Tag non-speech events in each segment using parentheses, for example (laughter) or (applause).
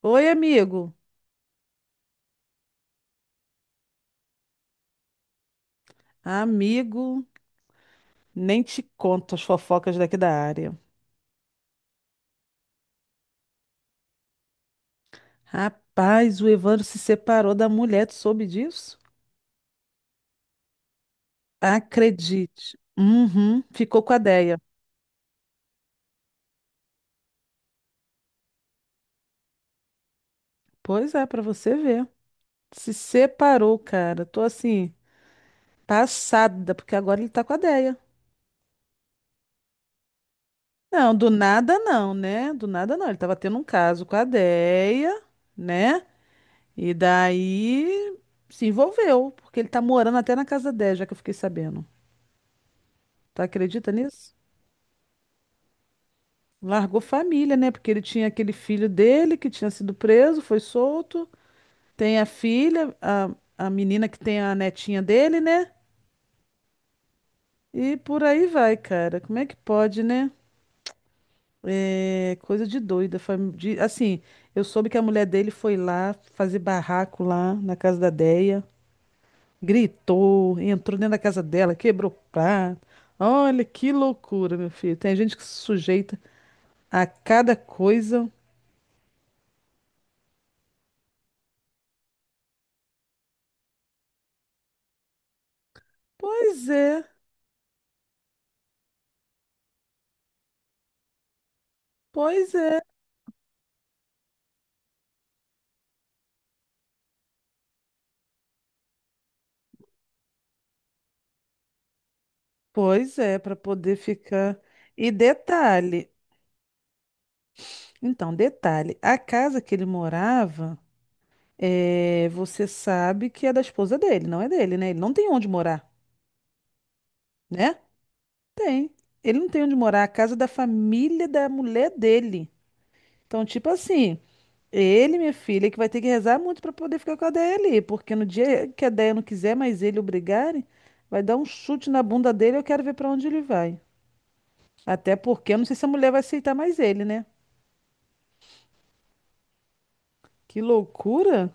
Oi, amigo. Amigo, nem te conto as fofocas daqui da área. Rapaz, o Evandro se separou da mulher, tu soube disso? Acredite. Uhum, ficou com a Deia. Pois é, pra você ver. Se separou, cara. Tô assim, passada, porque agora ele tá com a Deia. Não, do nada não, né? Do nada não. Ele tava tendo um caso com a Deia, né? E daí se envolveu, porque ele tá morando até na casa da Deia, já que eu fiquei sabendo. Tu acredita nisso? Largou família, né? Porque ele tinha aquele filho dele que tinha sido preso, foi solto. Tem a filha, a menina que tem a netinha dele, né? E por aí vai, cara. Como é que pode, né? É coisa de doida. Assim, eu soube que a mulher dele foi lá fazer barraco lá na casa da Deia. Gritou, entrou dentro da casa dela, quebrou prato. Olha que loucura, meu filho. Tem gente que se sujeita a cada coisa. Pois é. Pois é, pois é, para poder ficar. E detalhe, então, detalhe, a casa que ele morava, é, você sabe que é da esposa dele, não é dele, né? Ele não tem onde morar, né? Tem. Ele não tem onde morar, a casa é da família da mulher dele. Então, tipo assim, ele, minha filha, que vai ter que rezar muito para poder ficar com a Déia ali, porque no dia que a Déia não quiser mais ele obrigarem, vai dar um chute na bunda dele, eu quero ver para onde ele vai. Até porque eu não sei se a mulher vai aceitar mais ele, né? Que loucura!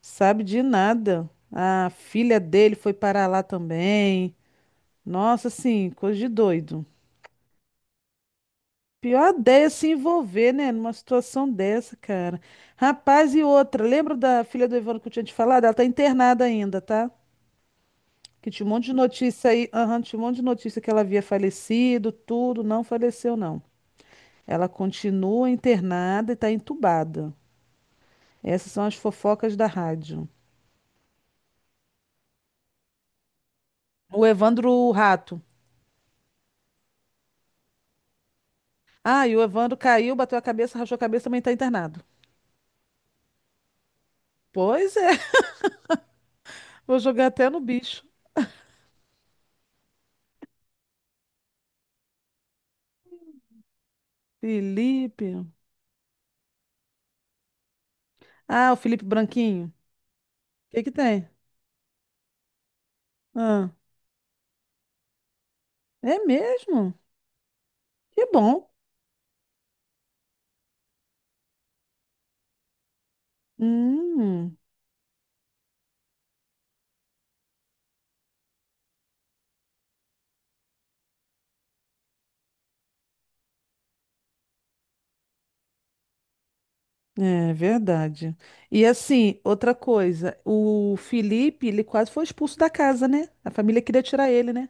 Sabe de nada. A filha dele foi parar lá também. Nossa, assim, coisa de doido. Pior ideia é se envolver, né, numa situação dessa, cara. Rapaz, e outra, lembra da filha do Ivano que eu tinha te falado? Ela tá internada ainda, tá? Que tinha um monte de notícia aí, aham, tinha um monte de notícia que ela havia falecido, tudo, não faleceu, não. Ela continua internada e tá entubada. Essas são as fofocas da rádio. O Evandro Rato. Ah, e o Evandro caiu, bateu a cabeça, rachou a cabeça, também tá internado. Pois é, (laughs) vou jogar até no bicho. Felipe. Ah, o Felipe Branquinho. O que que tem? Ah, é mesmo? Que bom. Hum, é verdade. E assim, outra coisa, o Felipe, ele quase foi expulso da casa, né? A família queria tirar ele, né?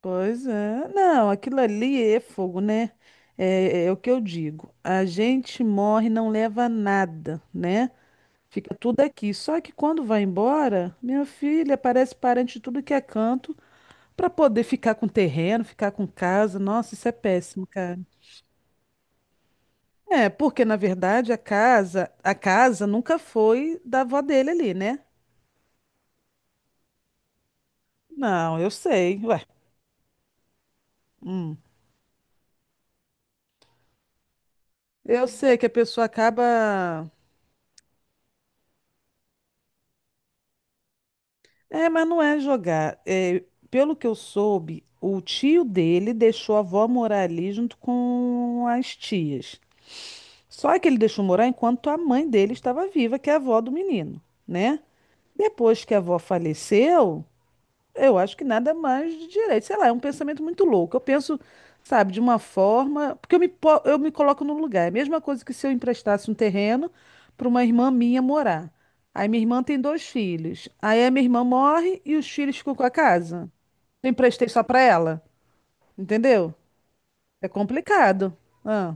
Pois é. Não, aquilo ali é fogo, né? É, é o que eu digo. A gente morre, e não leva nada, né? Fica tudo aqui. Só que quando vai embora, minha filha parece parente de tudo que é canto para poder ficar com terreno, ficar com casa. Nossa, isso é péssimo, cara. É, porque na verdade a casa nunca foi da avó dele ali, né? Não, eu sei. Ué, hum. eu sei que a pessoa acaba. É, mas não é jogar. É, pelo que eu soube, o tio dele deixou a avó morar ali junto com as tias. Só que ele deixou morar enquanto a mãe dele estava viva, que é a avó do menino, né? Depois que a avó faleceu, eu acho que nada mais de direito. Sei lá, é um pensamento muito louco. Eu penso, sabe, de uma forma. Porque eu me coloco no lugar. É a mesma coisa que se eu emprestasse um terreno para uma irmã minha morar. Aí minha irmã tem dois filhos. Aí a minha irmã morre e os filhos ficam com a casa. Eu emprestei só para ela. Entendeu? É complicado. Ah,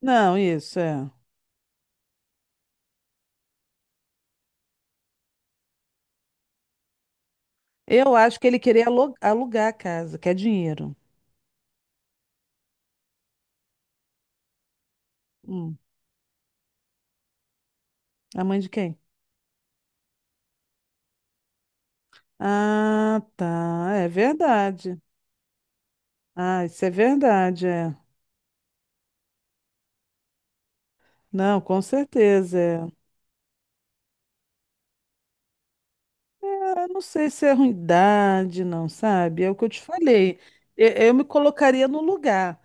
não, isso é. Eu acho que ele queria alugar a casa, que é dinheiro. Hum, A mãe de quem? Ah, tá. É verdade. Ah, isso é verdade, é. Não, com certeza, é. Ah, não sei se é ruindade, não, sabe? É o que eu te falei. Eu me colocaria no lugar,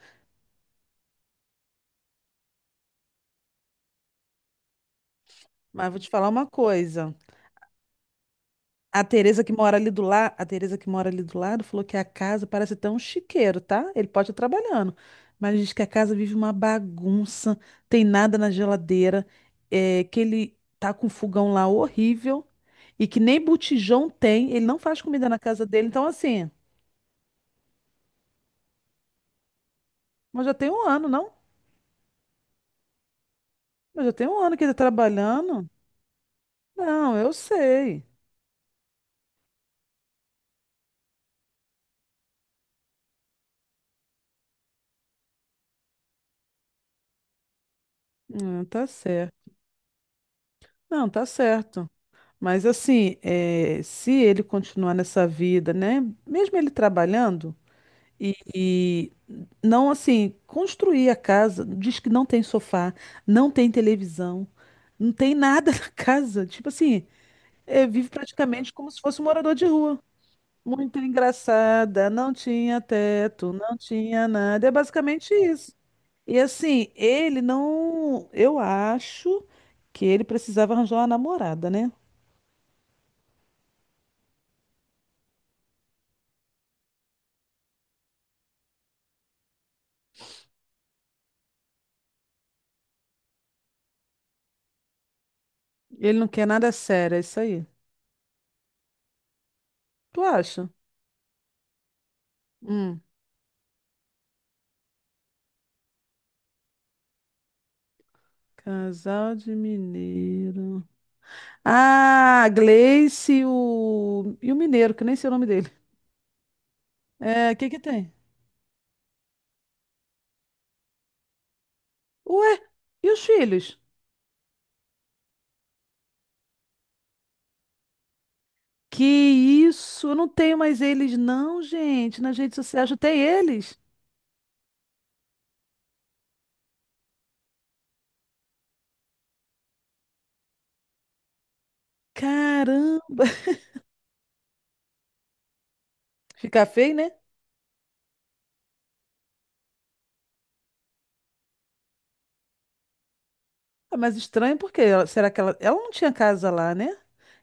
mas vou te falar uma coisa. A Tereza que mora ali do lado, a Tereza que mora ali do lado falou que a casa parece até um chiqueiro, tá? Ele pode estar trabalhando, mas diz que a casa vive uma bagunça, tem nada na geladeira, é, que ele tá com um fogão lá horrível e que nem botijão tem, ele não faz comida na casa dele, então assim. Mas já tem um ano, não? Mas já tem um ano que ele tá trabalhando. Não, eu sei. Não, tá certo. Não, tá certo. Mas assim, é, se ele continuar nessa vida, né? Mesmo ele trabalhando e não assim, construir a casa, diz que não tem sofá, não tem televisão, não tem nada (laughs) na casa. Tipo assim, é, vive praticamente como se fosse um morador de rua. Muito engraçada, não tinha teto, não tinha nada. É basicamente isso. E assim, ele não. Eu acho que ele precisava arranjar uma namorada, né? Ele não quer nada sério, é isso aí. Tu acha? Hum. Casal de mineiro. Ah, Gleice e o mineiro, que nem sei o nome dele. É, o que que tem? Ué, e os filhos? Que isso? Eu não tenho mais eles, não, gente. Nas redes sociais eu tenho eles. Caramba. (laughs) Fica feio, né? Ah, mas estranho porque será que ela não tinha casa lá, né?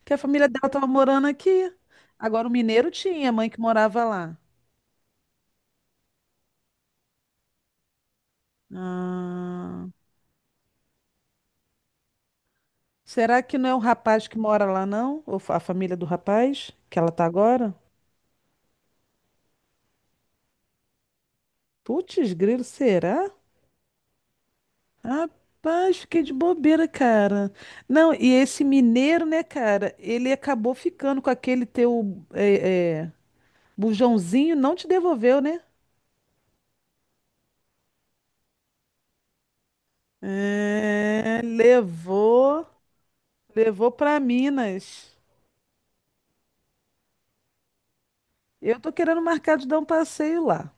Que a família dela estava morando aqui. Agora o mineiro tinha, a mãe que morava lá. Ah, será que não é o rapaz que mora lá, não? Ou a família do rapaz que ela tá agora? Putz, grilo, será? Rapaz, fiquei de bobeira, cara. Não, e esse mineiro, né, cara? Ele acabou ficando com aquele teu bujãozinho, não te devolveu, né? É, levou. Levou para Minas. Eu tô querendo marcar de dar um passeio lá.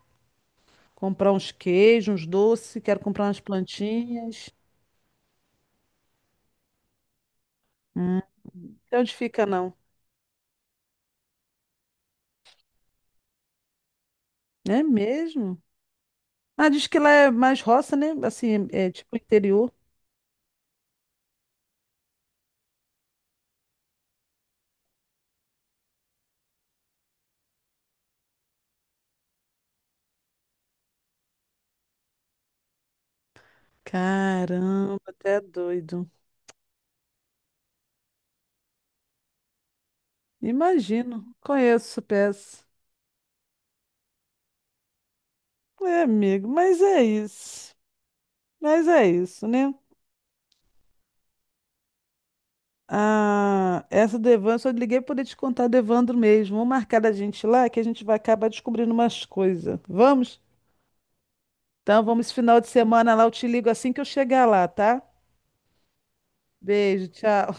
Comprar uns queijos, uns doces, quero comprar umas plantinhas. Hum. Sei onde fica, não. É mesmo? Ah, diz que lá é mais roça, né? Assim, é tipo interior. Caramba, até doido. Imagino. Conheço essa peça. É, amigo, mas é isso. Mas é isso, né? Ah, essa do Evandro, só liguei para poder te contar do Evandro mesmo. Vamos marcar da gente lá que a gente vai acabar descobrindo umas coisas. Vamos? Então vamos esse final de semana lá, eu te ligo assim que eu chegar lá, tá? Beijo, tchau.